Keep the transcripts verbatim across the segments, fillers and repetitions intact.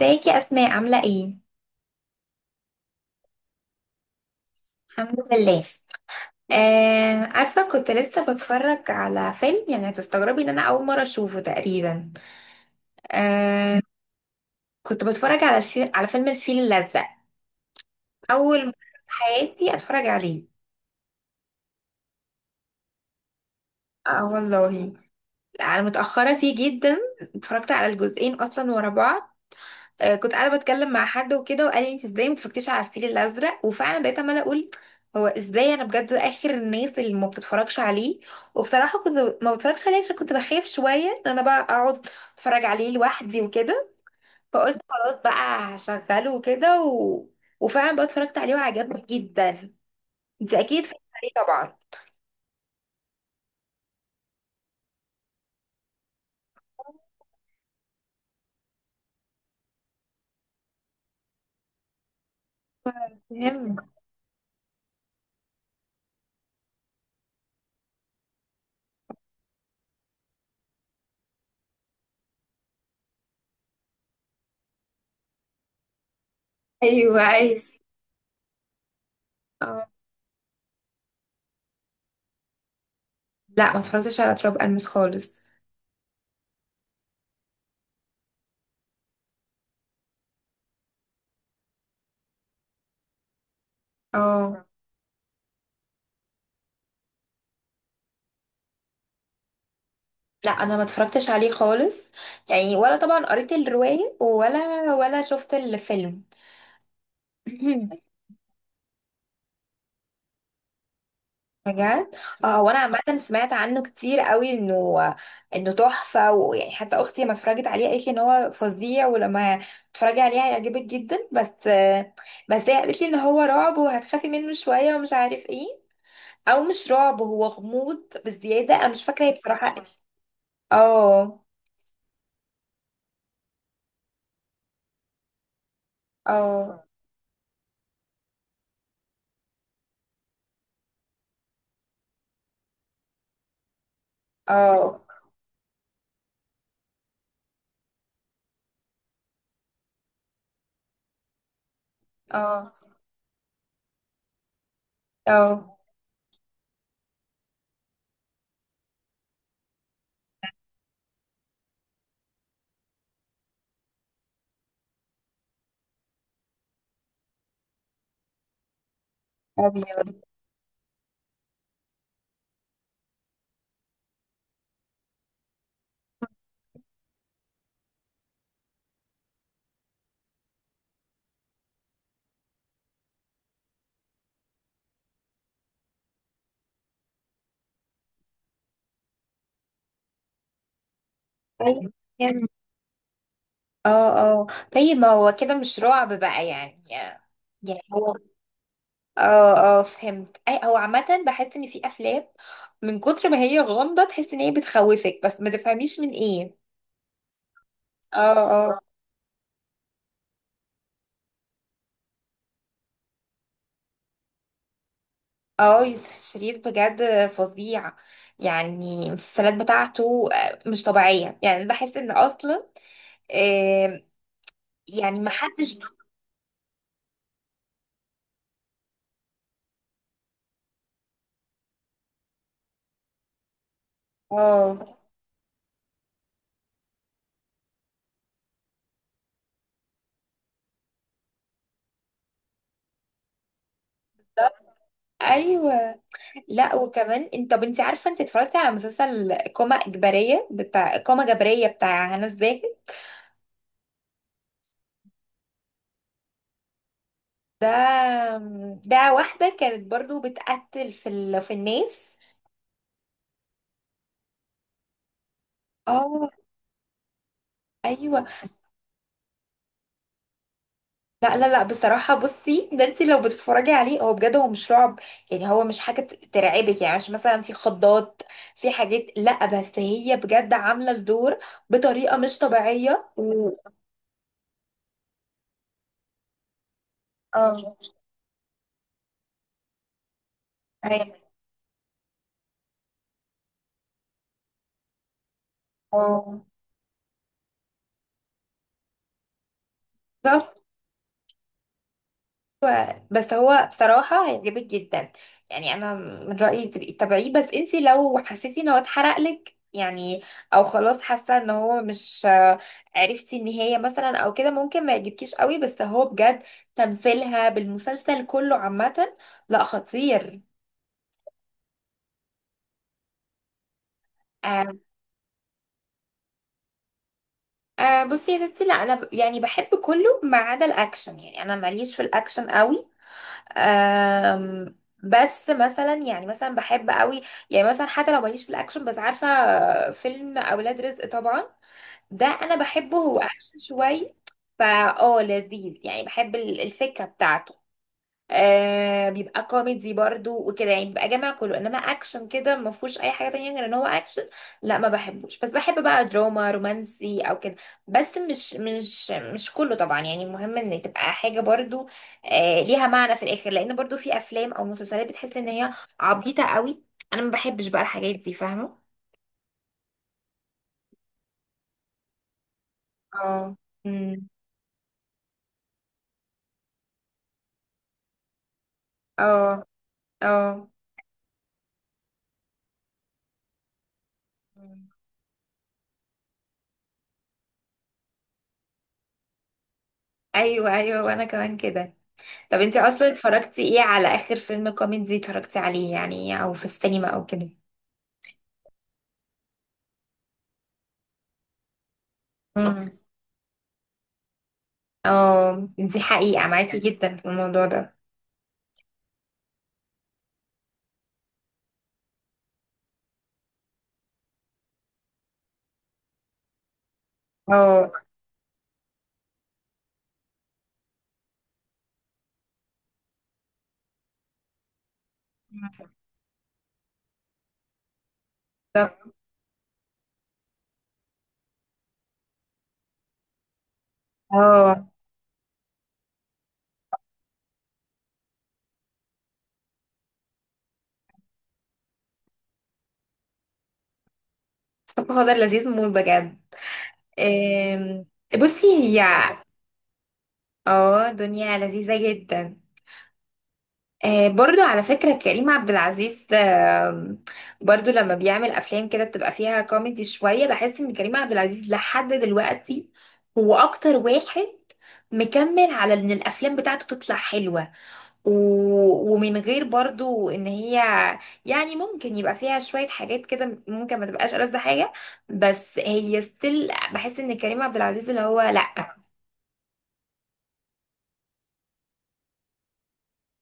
ازيك يا اسماء، عامله ايه؟ الحمد لله. آه، عارفه كنت لسه بتفرج على فيلم، يعني هتستغربي ان انا اول مره اشوفه تقريبا. آه. كنت بتفرج على الفيل على فيلم الفيل الازرق. اول مره في حياتي اتفرج عليه. اه والله. انا متاخره فيه جدا. اتفرجت على الجزئين اصلا ورا بعض. آه، كنت قاعده بتكلم مع حد وكده، وقال لي انت ازاي ما اتفرجتيش على الفيل الازرق، وفعلا بقيت عماله اقول هو ازاي انا بجد اخر الناس اللي ما بتتفرجش عليه. وبصراحه كنت ما بتفرجش عليه عشان كنت بخاف شويه ان انا بقى اقعد اتفرج عليه لوحدي وكده. فقلت خلاص بقى هشغله وكده و... وفعلا بقى اتفرجت عليه وعجبني جدا. انت اكيد اتفرجتي عليه طبعا. مهم. ايوه ايوه. آه، لا، ما اتفرجتش على تراب المس خالص. اه لا، انا ما اتفرجتش عليه خالص، يعني ولا طبعا قريت الرواية ولا ولا شفت الفيلم. بجد. اه، هو انا عامه سمعت عنه كتير قوي انه انه تحفه، ويعني حتى اختي لما اتفرجت عليه قالت لي ان هو فظيع، ولما تتفرجي عليه هيعجبك جدا. بس بس هي قالت لي ان هو رعب وهتخافي منه شويه ومش عارف ايه. او مش رعب، هو غموض بزياده، انا مش فاكره هي بصراحه. اه. اه اه اه اه. ابيض. طيب. يعني- اه اه. طيب، ما هو كده مش رعب بقى يعني. يعني هو، اه اه فهمت. اي، هو عامة بحس ان في افلام من كتر ما هي غامضة تحس ان هي بتخوفك بس ما تفهميش من ايه. اه اه. اه، يوسف الشريف بجد فظيع. يعني المسلسلات بتاعته آه، مش طبيعية، يعني بحس ان اصلا آه، يعني ما حدش. اه. بالظبط. ايوه. لا وكمان، انت طب انت عارفه انت اتفرجتي على مسلسل قامه اجباريه بتاع قامه جبريه بتاع هنا الزاهد؟ ده ده واحده كانت برضو بتقتل في ال... في الناس. اه ايوه. لا لا لا، بصراحه بصي ده انت لو بتتفرجي عليه، هو بجد هو مش رعب، يعني هو مش حاجه ت- ترعبك، يعني مش مثلا في خضات في حاجات، لا بس هي بجد عامله الدور بطريقه مش طبيعيه و... اه ايوه. اه ايوه بس هو بصراحه هيعجبك جدا. يعني انا من رايي تبقي تتابعيه، بس انتي لو حسيتي ان هو اتحرق لك يعني، او خلاص حاسه ان هو مش آه، عرفتي النهايه مثلا او كده، ممكن ما يعجبكيش قوي، بس هو بجد تمثيلها بالمسلسل كله عامه لا، خطير. آه آه، بصي يا ستي، لا انا ب- يعني بحب كله ما عدا الاكشن، يعني انا ماليش في الاكشن قوي. أم، بس مثلا، يعني مثلا بحب قوي، يعني مثلا حتى لو ماليش في الاكشن بس عارفه فيلم اولاد رزق طبعا، ده انا بحبه، هو اكشن شوي. فا، اه لذيذ يعني، بحب ال- الفكره بتاعته. آه بيبقى كوميدي برضو وكده، يعني بيبقى جامع كله، انما اكشن كده ما فيهوش اي حاجه تانية غير ان هو اكشن، لا ما بحبوش. بس بحب بقى دراما رومانسي او كده، بس مش مش مش كله طبعا، يعني المهم ان تبقى حاجه برضو آه ليها معنى في الاخر، لان برضو في افلام او مسلسلات بتحس ان هي عبيطه قوي، انا ما بحبش بقى الحاجات دي، فاهمه. اه. امم. اه اه. مم. ايوه ايوه، وانا كمان كده. طب انتي اصلا اتفرجتي ايه، على اخر فيلم كوميدي اتفرجتي عليه يعني، او في السينما او كده؟ مم. اه، دي حقيقة معاكي جدا في الموضوع ده. اه. طب. اه. طب هو ده لذيذ موت بجد. ام، بصي هي، اه دنيا لذيذة جدا. آه، برضو على فكرة كريم عبد العزيز، آه، برضو لما بيعمل أفلام كده بتبقى فيها كوميدي شوية، بحس إن كريم عبد العزيز لحد دلوقتي هو أكتر واحد مكمل على إن الأفلام بتاعته تطلع حلوة و... ومن غير برضو إن هي يعني ممكن يبقى فيها شوية حاجات كده، ممكن ما تبقاش ألذ حاجة، بس هي ستيل بحس إن كريم عبد العزيز اللي هو لأ.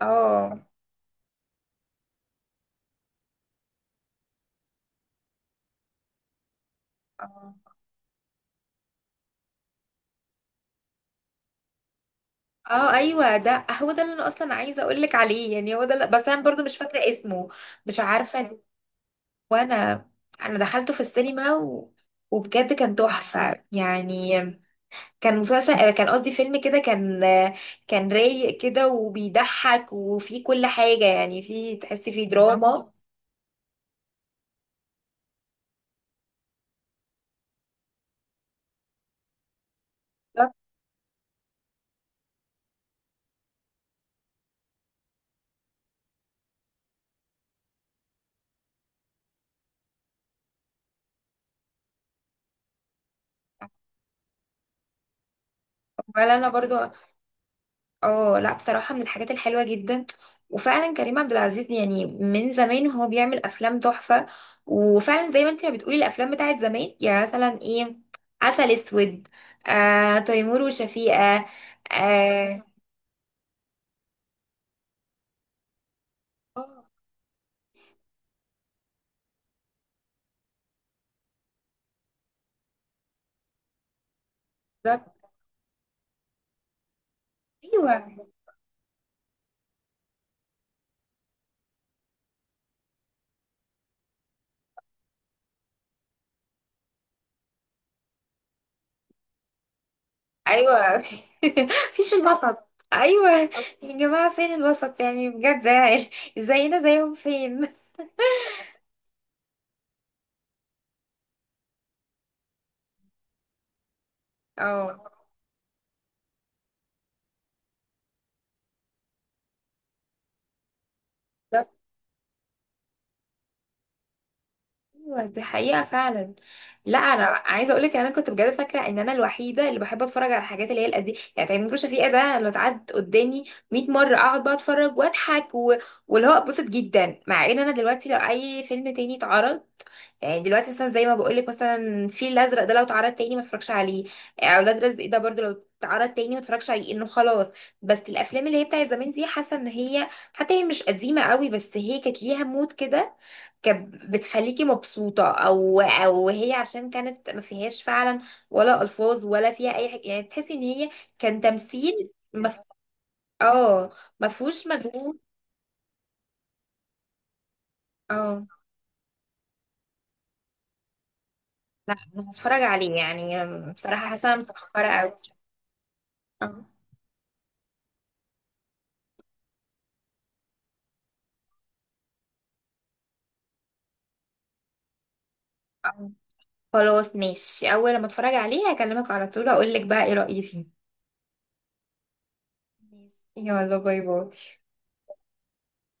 اه آه. اه ايوه، ده هو ده اللي انا اصلا عايزه اقول لك عليه، يعني هو ده اللي- بس انا برضو مش فاكره اسمه. مش عارفه. وانا، انا دخلته في السينما و... وبجد كان تحفه يعني. كان مسلسل آه، كان قصدي فيلم، كده كان آه، كان رايق كده وبيضحك وفيه كل حاجه، يعني فيه تحسي فيه دراما. ولا انا برضو. اه لا بصراحة، من الحاجات الحلوة جدا، وفعلا كريم عبد العزيز يعني من زمان وهو بيعمل أفلام تحفة. وفعلا زي ما انت ما بتقولي الأفلام بتاعت زمان، يعني مثلا ايه، عسل أسود، آه تيمور وشفيقة. اه. آه. بالظبط. ايوه ايوه. مفيش الوسط، ايوه. يا جماعة فين الوسط؟ يعني بجد ازينا زيهم فين؟ اه ايوه، دي حقيقة فعلا. لا انا عايزة اقولك ان انا كنت بجد فاكرة ان انا الوحيدة اللي بحب اتفرج على الحاجات اللي هي القديمة، يعني تامر شفيقة ده لو اتعد قدامي 100 مرة اقعد بقى اتفرج واضحك و... واللي هو اتبسط جدا، مع ان انا دلوقتي لو اي فيلم تاني اتعرض، يعني دلوقتي مثلا زي ما بقولك، مثلا الفيل الازرق ده لو اتعرض تاني ما اتفرجش عليه، اولاد رزق ده برضو لو اتعرض تاني ما اتفرجش عليه، انه خلاص. بس الافلام اللي هي بتاعت زمان دي حاسة ان هي، حتى هي مش قديمة قوي، بس هي كانت ليها مود كده، كانت بتخليكي مبسوطة، او او هي عشان كانت ما فيهاش فعلا ولا الفاظ ولا فيها اي حاجة، يعني تحسي ان هي كان تمثيل. مف... اه. ما فيهوش مجهود. اه لا انا هتفرج عليه يعني، بصراحة حاسة أنا متأخرة اوي. آه، آه. خلاص ماشي، اول لما اتفرج عليه هكلمك على طول اقول لك بقى ايه رأيي فيه. ماشي يلا، باي باي.